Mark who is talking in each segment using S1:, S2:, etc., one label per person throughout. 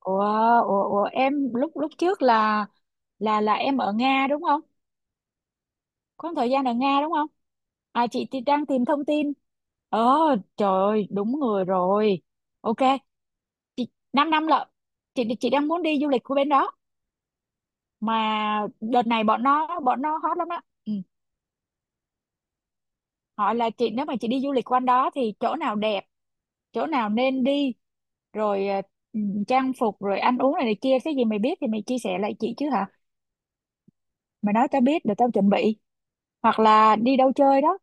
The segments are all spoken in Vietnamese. S1: Ủa, ủa, em lúc lúc trước là em ở Nga đúng không? Có một thời gian ở Nga đúng không? À, chị thì đang tìm thông tin. Ờ trời ơi, đúng người rồi. Ok, chị 5 năm lận. Chị đang muốn đi du lịch của bên đó, mà đợt này bọn nó hot lắm á. Ừ. Hỏi là chị nếu mà chị đi du lịch quanh đó thì chỗ nào đẹp, chỗ nào nên đi, rồi ừ, trang phục rồi ăn uống này, này kia cái gì mày biết thì mày chia sẻ lại chị chứ hả? Mày nói tao biết để tao chuẩn bị. Hoặc là đi đâu chơi đó.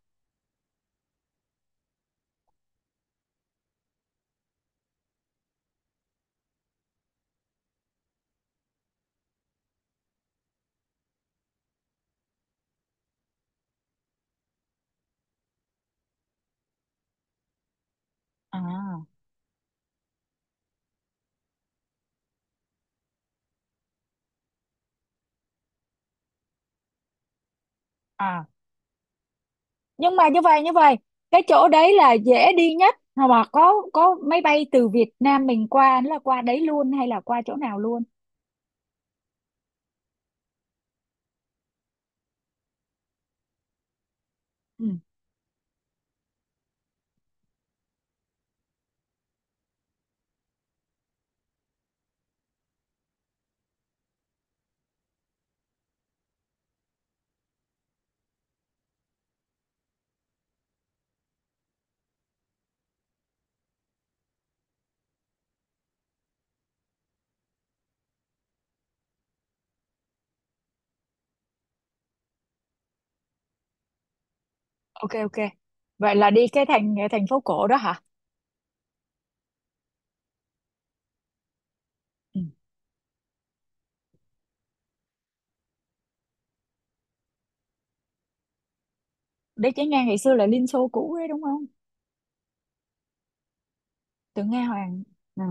S1: à à nhưng mà như vậy, cái chỗ đấy là dễ đi nhất, mà có máy bay từ Việt Nam mình qua nó là qua đấy luôn hay là qua chỗ nào luôn? Ừ. Ok, ok. Vậy là đi cái thành thành phố cổ đó hả? Ừ. Đấy chỉ nghe ngày xưa là Liên Xô cũ đấy đúng không? Từ Nga Hoàng. Ừ.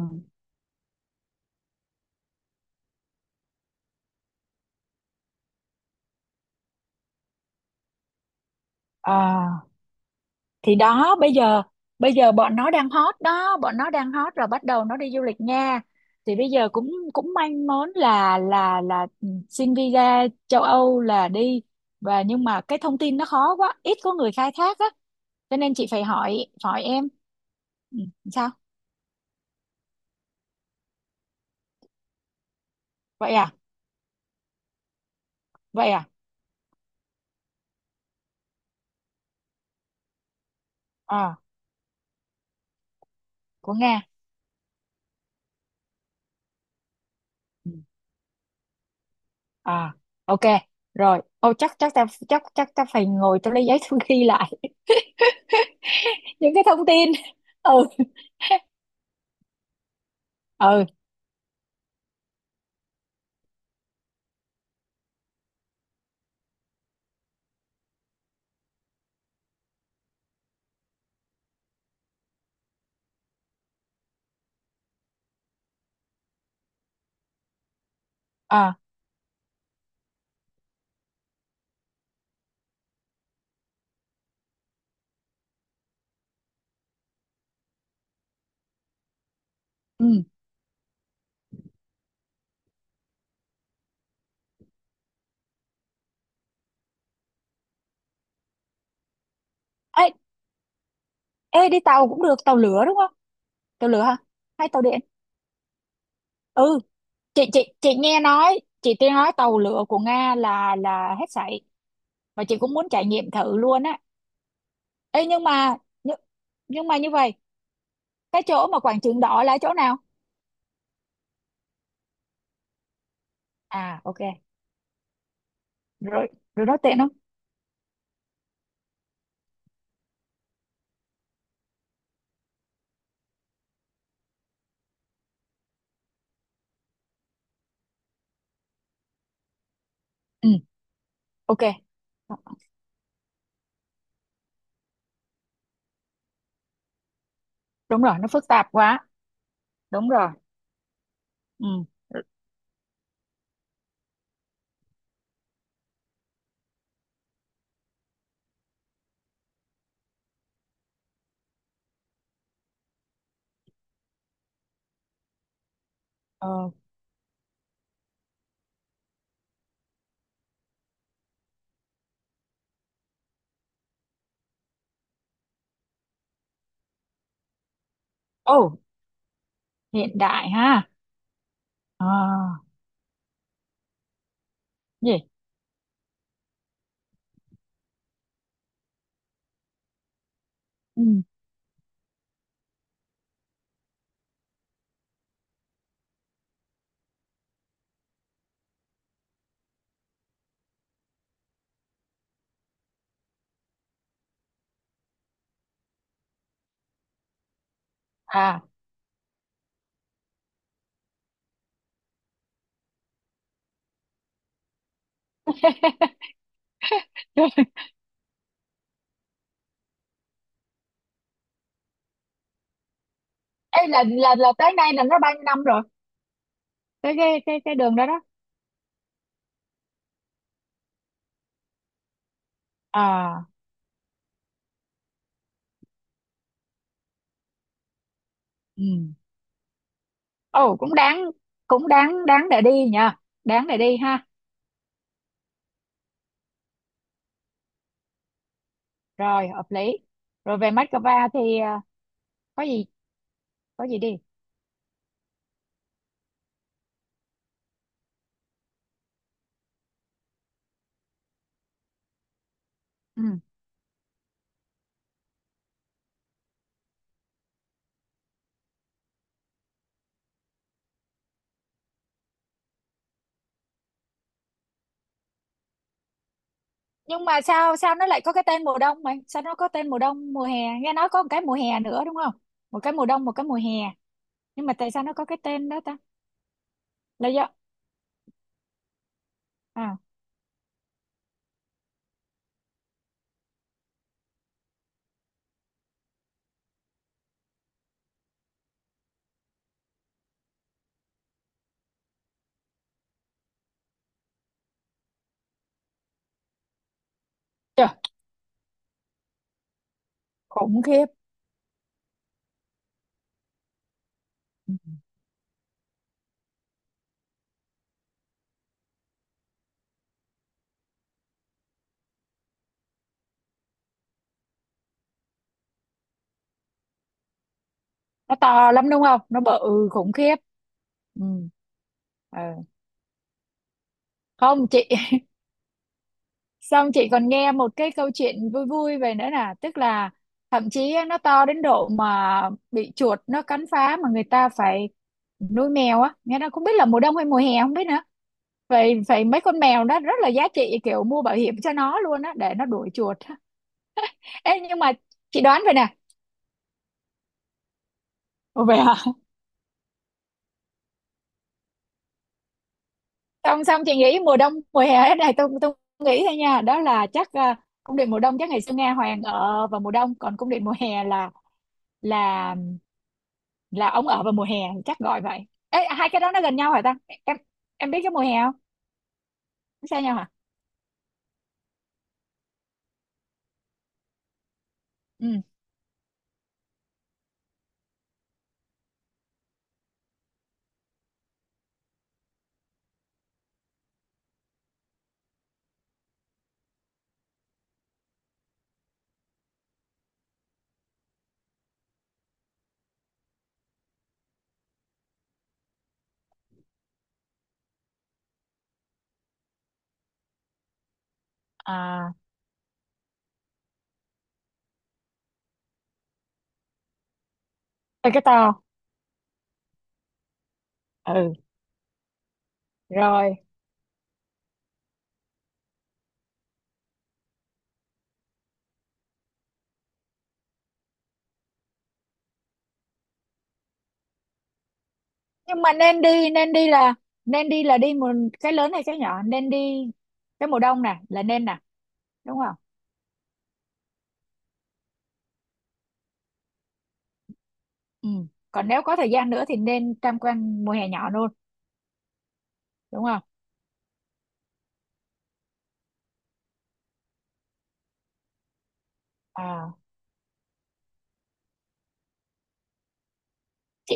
S1: À. Thì đó, bây giờ bọn nó đang hot đó, bọn nó đang hot rồi bắt đầu nó đi du lịch nha. Thì bây giờ cũng cũng manh mốn là xin visa châu Âu là đi. Và nhưng mà cái thông tin nó khó quá, ít có người khai thác á. Cho nên chị phải hỏi hỏi em. Ừ, sao vậy? À, vậy à. À. Của Nga. Ừ. À. Ok. Rồi, ô chắc chắc ta phải ngồi, tao lấy giấy tao ghi lại. Những cái thông tin. Ừ. Ừ. À. Ừ. Ê, ê, đi tàu cũng được, tàu lửa đúng không? Tàu lửa hả? Hay tàu điện? Ừ. Chị nghe nói tàu lửa của Nga là hết sảy, và chị cũng muốn trải nghiệm thử luôn á. Ê, nhưng mà. Nhưng, nhưng mà như vậy, cái chỗ mà Quảng Trường Đỏ là chỗ nào? À, ok. Rồi. Rồi đó, tiện không? Ừ. Ok. Đúng rồi, nó phức tạp quá. Đúng rồi. Ừ. Ờ. Ồ. Hiện đại ha. À. Gì? Ừ. À. Ê, là tới nay là nó bao nhiêu năm rồi, cái đường đó đó? À. Ừ. Ồ, cũng đáng. Cũng đáng đáng để đi nha. Đáng để đi ha. Rồi, hợp lý. Rồi về Moscow thì có gì, có gì đi. Ừ. Nhưng mà sao sao nó lại có cái tên mùa đông mày, sao nó có tên mùa đông mùa hè? Nghe nói có một cái mùa hè nữa đúng không? Một cái mùa đông, một cái mùa hè. Nhưng mà tại sao nó có cái tên đó ta? Là do. À, trời khủng khiếp. Nó to lắm đúng không, nó bự khủng khiếp. Ừ. Ừ. Không chị. Xong chị còn nghe một cái câu chuyện vui vui về nữa, là tức là thậm chí á, nó to đến độ mà bị chuột nó cắn phá mà người ta phải nuôi mèo á, nghe nó không biết là mùa đông hay mùa hè không biết nữa. Vậy vậy mấy con mèo đó rất là giá trị, kiểu mua bảo hiểm cho nó luôn á, để nó đuổi chuột. Ê, nhưng mà chị đoán vậy nè. Ồ vậy hả? Xong xong chị nghĩ mùa đông mùa hè thế này, tôi nghĩ thôi nha, đó là chắc cung điện mùa đông chắc ngày xưa Nga Hoàng ở vào mùa đông, còn cung điện mùa hè là là ông ở vào mùa hè, chắc gọi vậy. Ê, hai cái đó nó gần nhau hả ta? Em em biết cái mùa hè không? Nó xa nhau hả? Ừ. À. Ê, cái to. Ừ. Rồi. Nhưng mà nên đi là nên đi, là đi mùa, cái lớn hay cái nhỏ nên đi, cái mùa đông nè là nên nè, đúng không? Ừ. Còn nếu có thời gian nữa thì nên tham quan mùa hè nhỏ luôn, đúng không? À, chị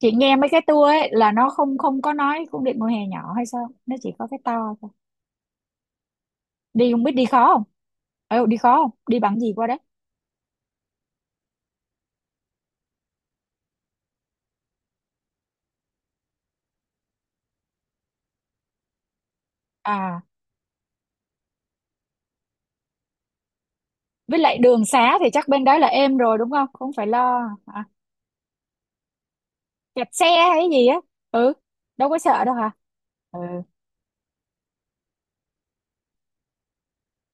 S1: chị nghe mấy cái tour ấy là nó không không có nói cung điện mùa hè nhỏ hay sao, nó chỉ có cái to thôi. Đi không biết đi khó không? Ừ, đi khó không, đi bằng gì qua đó? À. Với lại đường xá thì chắc bên đó là êm rồi đúng không, không phải lo. À, kẹt xe hay gì á? Ừ. Đâu có sợ đâu hả? Ừ.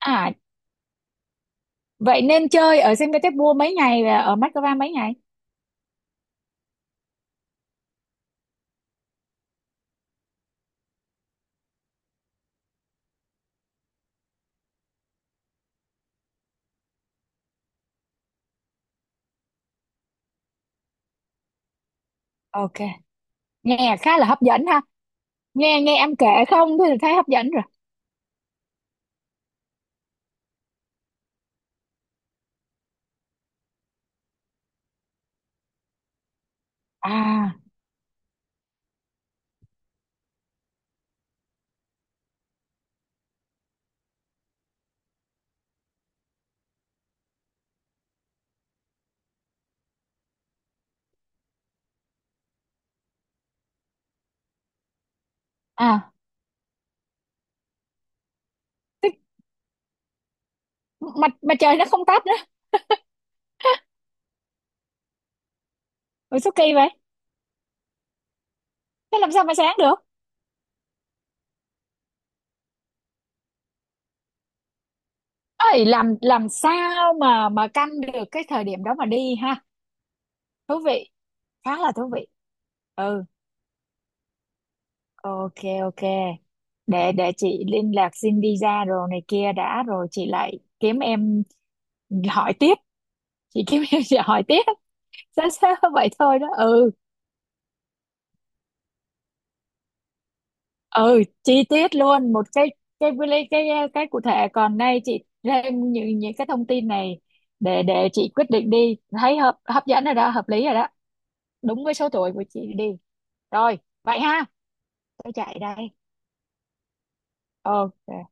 S1: À. Vậy nên chơi ở Saint Petersburg mấy ngày và ở Moscow mấy ngày? Ok, nghe khá là hấp dẫn ha. Nghe nghe em kể không thì thấy hấp dẫn rồi. À. À. mặt mặt trời nó không tắt nữa? Ôi số kỳ vậy. Thế làm sao mà sáng được? Ấy, làm sao mà canh được cái thời điểm đó mà đi ha? Thú vị, khá là thú vị. Ừ. Ok. Ok. Để chị liên lạc xin visa rồi này kia đã, rồi chị lại kiếm em hỏi tiếp. Chị kiếm em, chị hỏi tiếp. Sao sao vậy thôi đó. Ừ. Ừ, chi tiết luôn một cái, cái cái cái cái cụ thể, còn nay chị thêm những cái thông tin này, để chị quyết định đi, thấy hấp dẫn rồi đó, hợp lý rồi đó. Đúng với số tuổi của chị đi. Rồi, vậy ha. Tôi chạy đây. Ok.